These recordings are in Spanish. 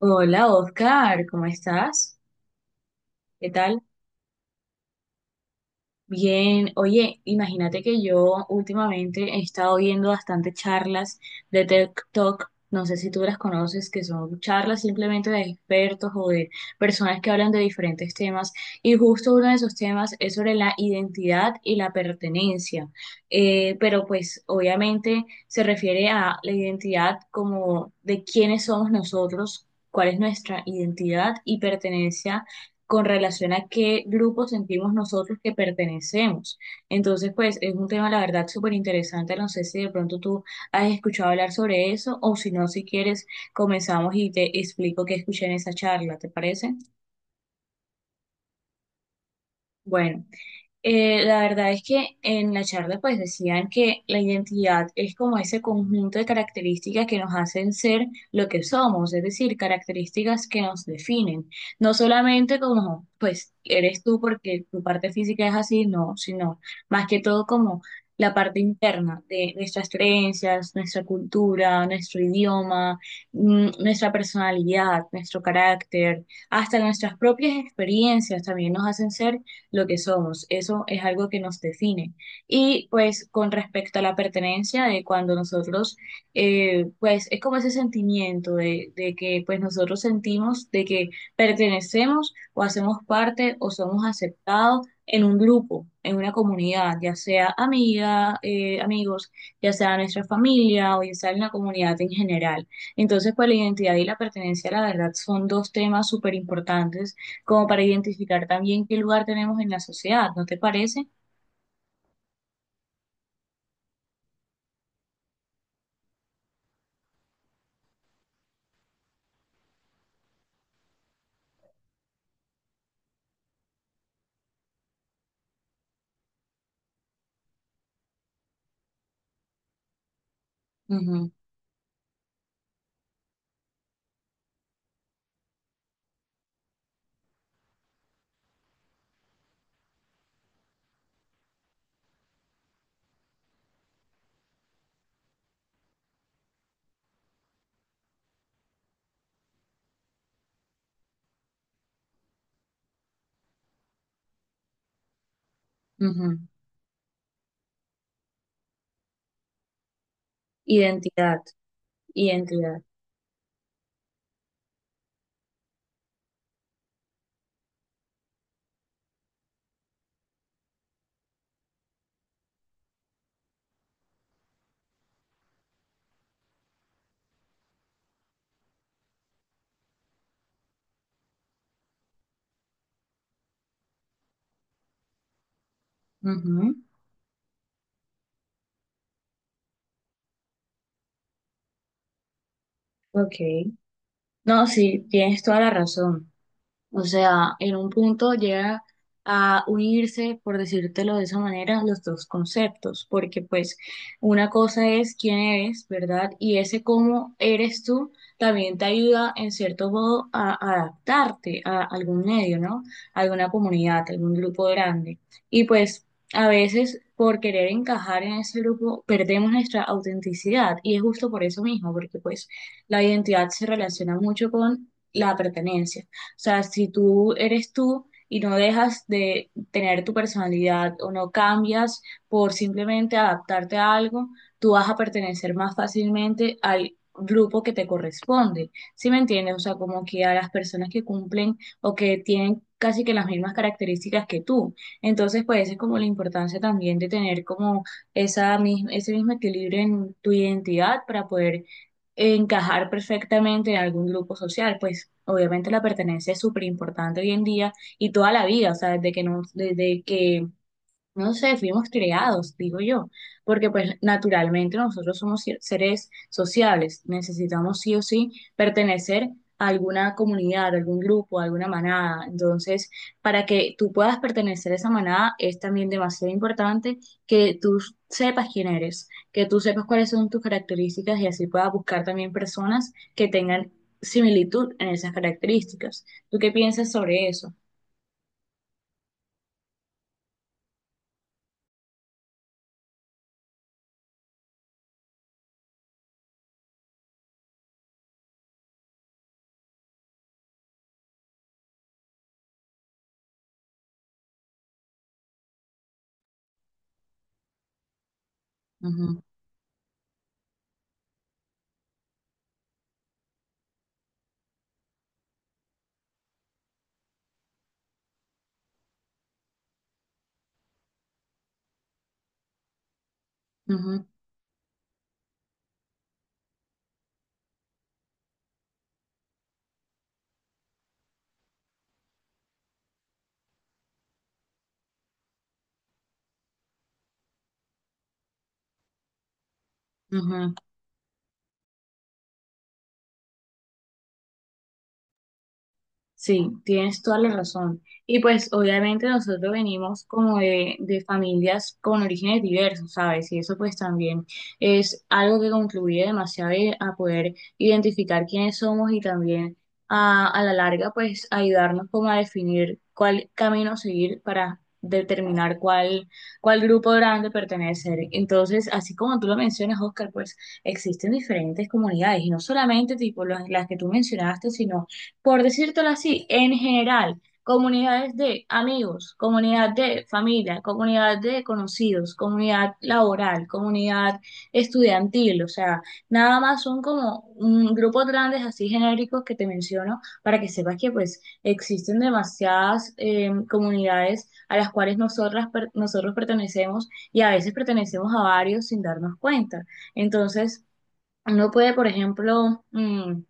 Hola Oscar, ¿cómo estás? ¿Qué tal? Bien, oye, imagínate que yo últimamente he estado viendo bastante charlas de TED talk. No sé si tú las conoces, que son charlas simplemente de expertos o de personas que hablan de diferentes temas, y justo uno de esos temas es sobre la identidad y la pertenencia. Pero pues obviamente se refiere a la identidad como de quiénes somos nosotros, cuál es nuestra identidad y pertenencia con relación a qué grupo sentimos nosotros que pertenecemos. Entonces, pues es un tema, la verdad, súper interesante. No sé si de pronto tú has escuchado hablar sobre eso o si no, si quieres, comenzamos y te explico qué escuché en esa charla, ¿te parece? Bueno. La verdad es que en la charla pues decían que la identidad es como ese conjunto de características que nos hacen ser lo que somos, es decir, características que nos definen. No solamente como pues eres tú porque tu parte física es así, no, sino más que todo como la parte interna de nuestras creencias, nuestra cultura, nuestro idioma, nuestra personalidad, nuestro carácter, hasta nuestras propias experiencias también nos hacen ser lo que somos. Eso es algo que nos define. Y pues con respecto a la pertenencia de cuando nosotros, pues es como ese sentimiento de que pues nosotros sentimos de que pertenecemos o hacemos parte o somos aceptados en un grupo, en una comunidad, ya sea amiga, amigos, ya sea nuestra familia o ya sea en la comunidad en general. Entonces, pues la identidad y la pertenencia, la verdad, son dos temas súper importantes como para identificar también qué lugar tenemos en la sociedad, ¿no te parece? Ujú, ujú. Identidad, identidad. Ujú. OK. No, sí, tienes toda la razón. O sea, en un punto llega a unirse, por decírtelo de esa manera, los dos conceptos, porque pues una cosa es quién eres, ¿verdad? Y ese cómo eres tú también te ayuda en cierto modo a adaptarte a algún medio, ¿no? A alguna comunidad, a algún grupo grande. Y pues a veces por querer encajar en ese grupo perdemos nuestra autenticidad y es justo por eso mismo, porque pues la identidad se relaciona mucho con la pertenencia sea, si tú eres tú y no dejas de tener tu personalidad o no cambias por simplemente adaptarte a algo, tú vas a pertenecer más fácilmente al grupo que te corresponde. ¿Sí me entiendes? O sea, como que a las personas que cumplen o que tienen casi que las mismas características que tú. Entonces, pues esa es como la importancia también de tener como ese mismo equilibrio en tu identidad para poder encajar perfectamente en algún grupo social, pues obviamente la pertenencia es súper importante hoy en día y toda la vida, o sea, desde que no sé, fuimos creados, digo yo, porque pues naturalmente nosotros somos seres sociables, necesitamos sí o sí pertenecer a alguna comunidad, a algún grupo, a alguna manada. Entonces, para que tú puedas pertenecer a esa manada es también demasiado importante que tú sepas quién eres, que tú sepas cuáles son tus características y así puedas buscar también personas que tengan similitud en esas características. ¿Tú qué piensas sobre eso? Ujú, ujú, ujú. Sí, tienes toda la razón. Y pues obviamente nosotros venimos como de familias con orígenes diversos, ¿sabes? Y eso pues también es algo que contribuye demasiado a poder identificar quiénes somos y también a la larga pues ayudarnos como a definir cuál camino seguir para determinar cuál grupo grande pertenecer. Entonces, así como tú lo mencionas, Oscar, pues existen diferentes comunidades y no solamente tipo las que tú mencionaste, sino por decírtelo así, en general, comunidades de amigos, comunidad de familia, comunidad de conocidos, comunidad laboral, comunidad estudiantil, o sea, nada más son como un grupos grandes así genéricos que te menciono para que sepas que pues existen demasiadas comunidades a las cuales nosotros pertenecemos y a veces pertenecemos a varios sin darnos cuenta. Entonces, uno puede, por ejemplo,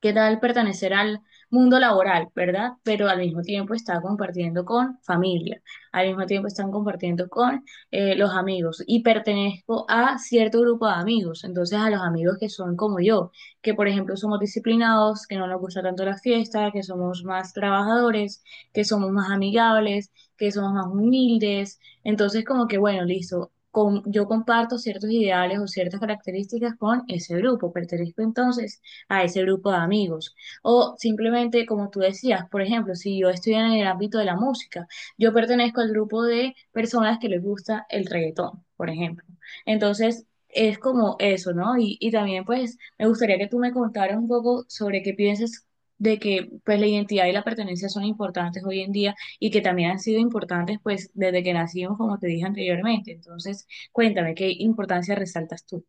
¿qué tal pertenecer al mundo laboral, verdad? Pero al mismo tiempo está compartiendo con familia, al mismo tiempo están compartiendo con los amigos y pertenezco a cierto grupo de amigos, entonces a los amigos que son como yo, que por ejemplo somos disciplinados, que no nos gusta tanto la fiesta, que somos más trabajadores, que somos más amigables, que somos más humildes, entonces como que bueno, listo. Yo comparto ciertos ideales o ciertas características con ese grupo. Pertenezco entonces a ese grupo de amigos. O simplemente, como tú decías, por ejemplo, si yo estoy en el ámbito de la música, yo pertenezco al grupo de personas que les gusta el reggaetón, por ejemplo. Entonces, es como eso, ¿no? Y también, pues, me gustaría que tú me contaras un poco sobre qué piensas de que, pues, la identidad y la pertenencia son importantes hoy en día y que también han sido importantes, pues, desde que nacimos, como te dije anteriormente. Entonces, cuéntame, ¿qué importancia resaltas tú?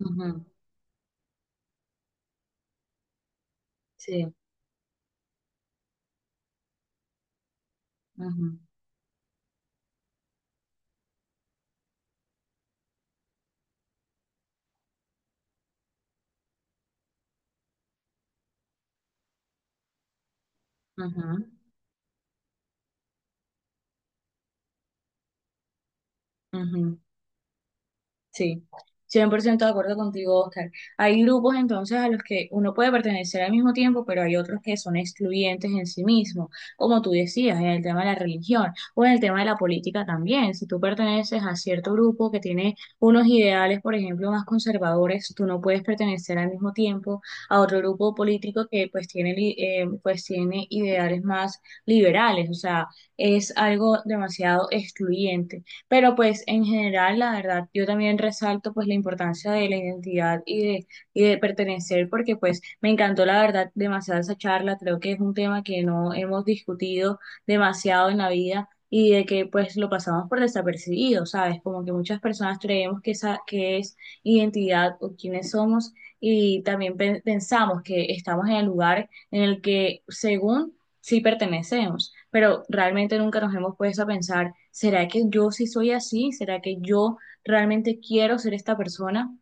Ujú. Sí. Ujú, ujú. Ujú. Sí, 100% de acuerdo contigo, Oscar. Hay grupos entonces a los que uno puede pertenecer al mismo tiempo, pero hay otros que son excluyentes en sí mismo, como tú decías, en el tema de la religión o en el tema de la política también. Si tú perteneces a cierto grupo que tiene unos ideales, por ejemplo, más conservadores, tú no puedes pertenecer al mismo tiempo a otro grupo político que pues tiene, pues tiene ideales más liberales, o sea, es algo demasiado excluyente. Pero pues en general, la verdad, yo también resalto pues la importancia de la identidad y de pertenecer, porque pues me encantó la verdad demasiado esa charla, creo que es un tema que no hemos discutido demasiado en la vida y de que pues lo pasamos por desapercibido, ¿sabes? Como que muchas personas creemos que, esa, que es identidad o quiénes somos y también pensamos que estamos en el lugar en el que según sí pertenecemos, pero realmente nunca nos hemos puesto a pensar, ¿será que yo sí soy así? ¿Será que yo realmente quiero ser esta persona?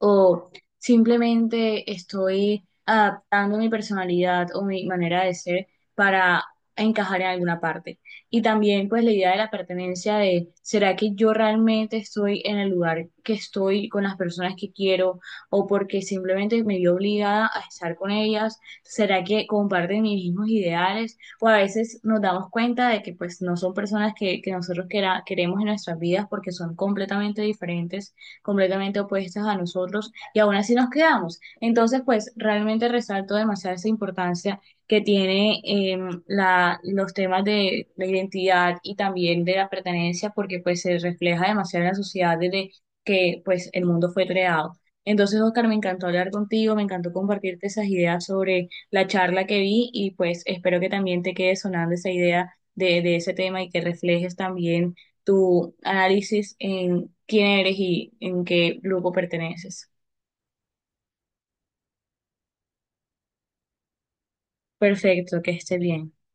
O simplemente estoy adaptando mi personalidad o mi manera de ser para encajar en alguna parte. Y también pues la idea de la pertenencia de, ¿será que yo realmente estoy en el lugar que estoy con las personas que quiero o porque simplemente me vi obligada a estar con ellas? ¿Será que comparten mis mismos ideales? O a veces nos damos cuenta de que pues no son personas que nosotros queremos en nuestras vidas porque son completamente diferentes completamente opuestas a nosotros y aún así nos quedamos. Entonces, pues realmente resalto demasiado esa importancia que tiene los temas de la identidad y también de la pertenencia porque pues se refleja demasiado en la sociedad desde que pues el mundo fue creado. Entonces, Oscar, me encantó hablar contigo, me encantó compartirte esas ideas sobre la charla que vi y pues espero que también te quede sonando esa idea de ese tema y que reflejes también tu análisis en quién eres y en qué grupo perteneces. Perfecto, que esté bien.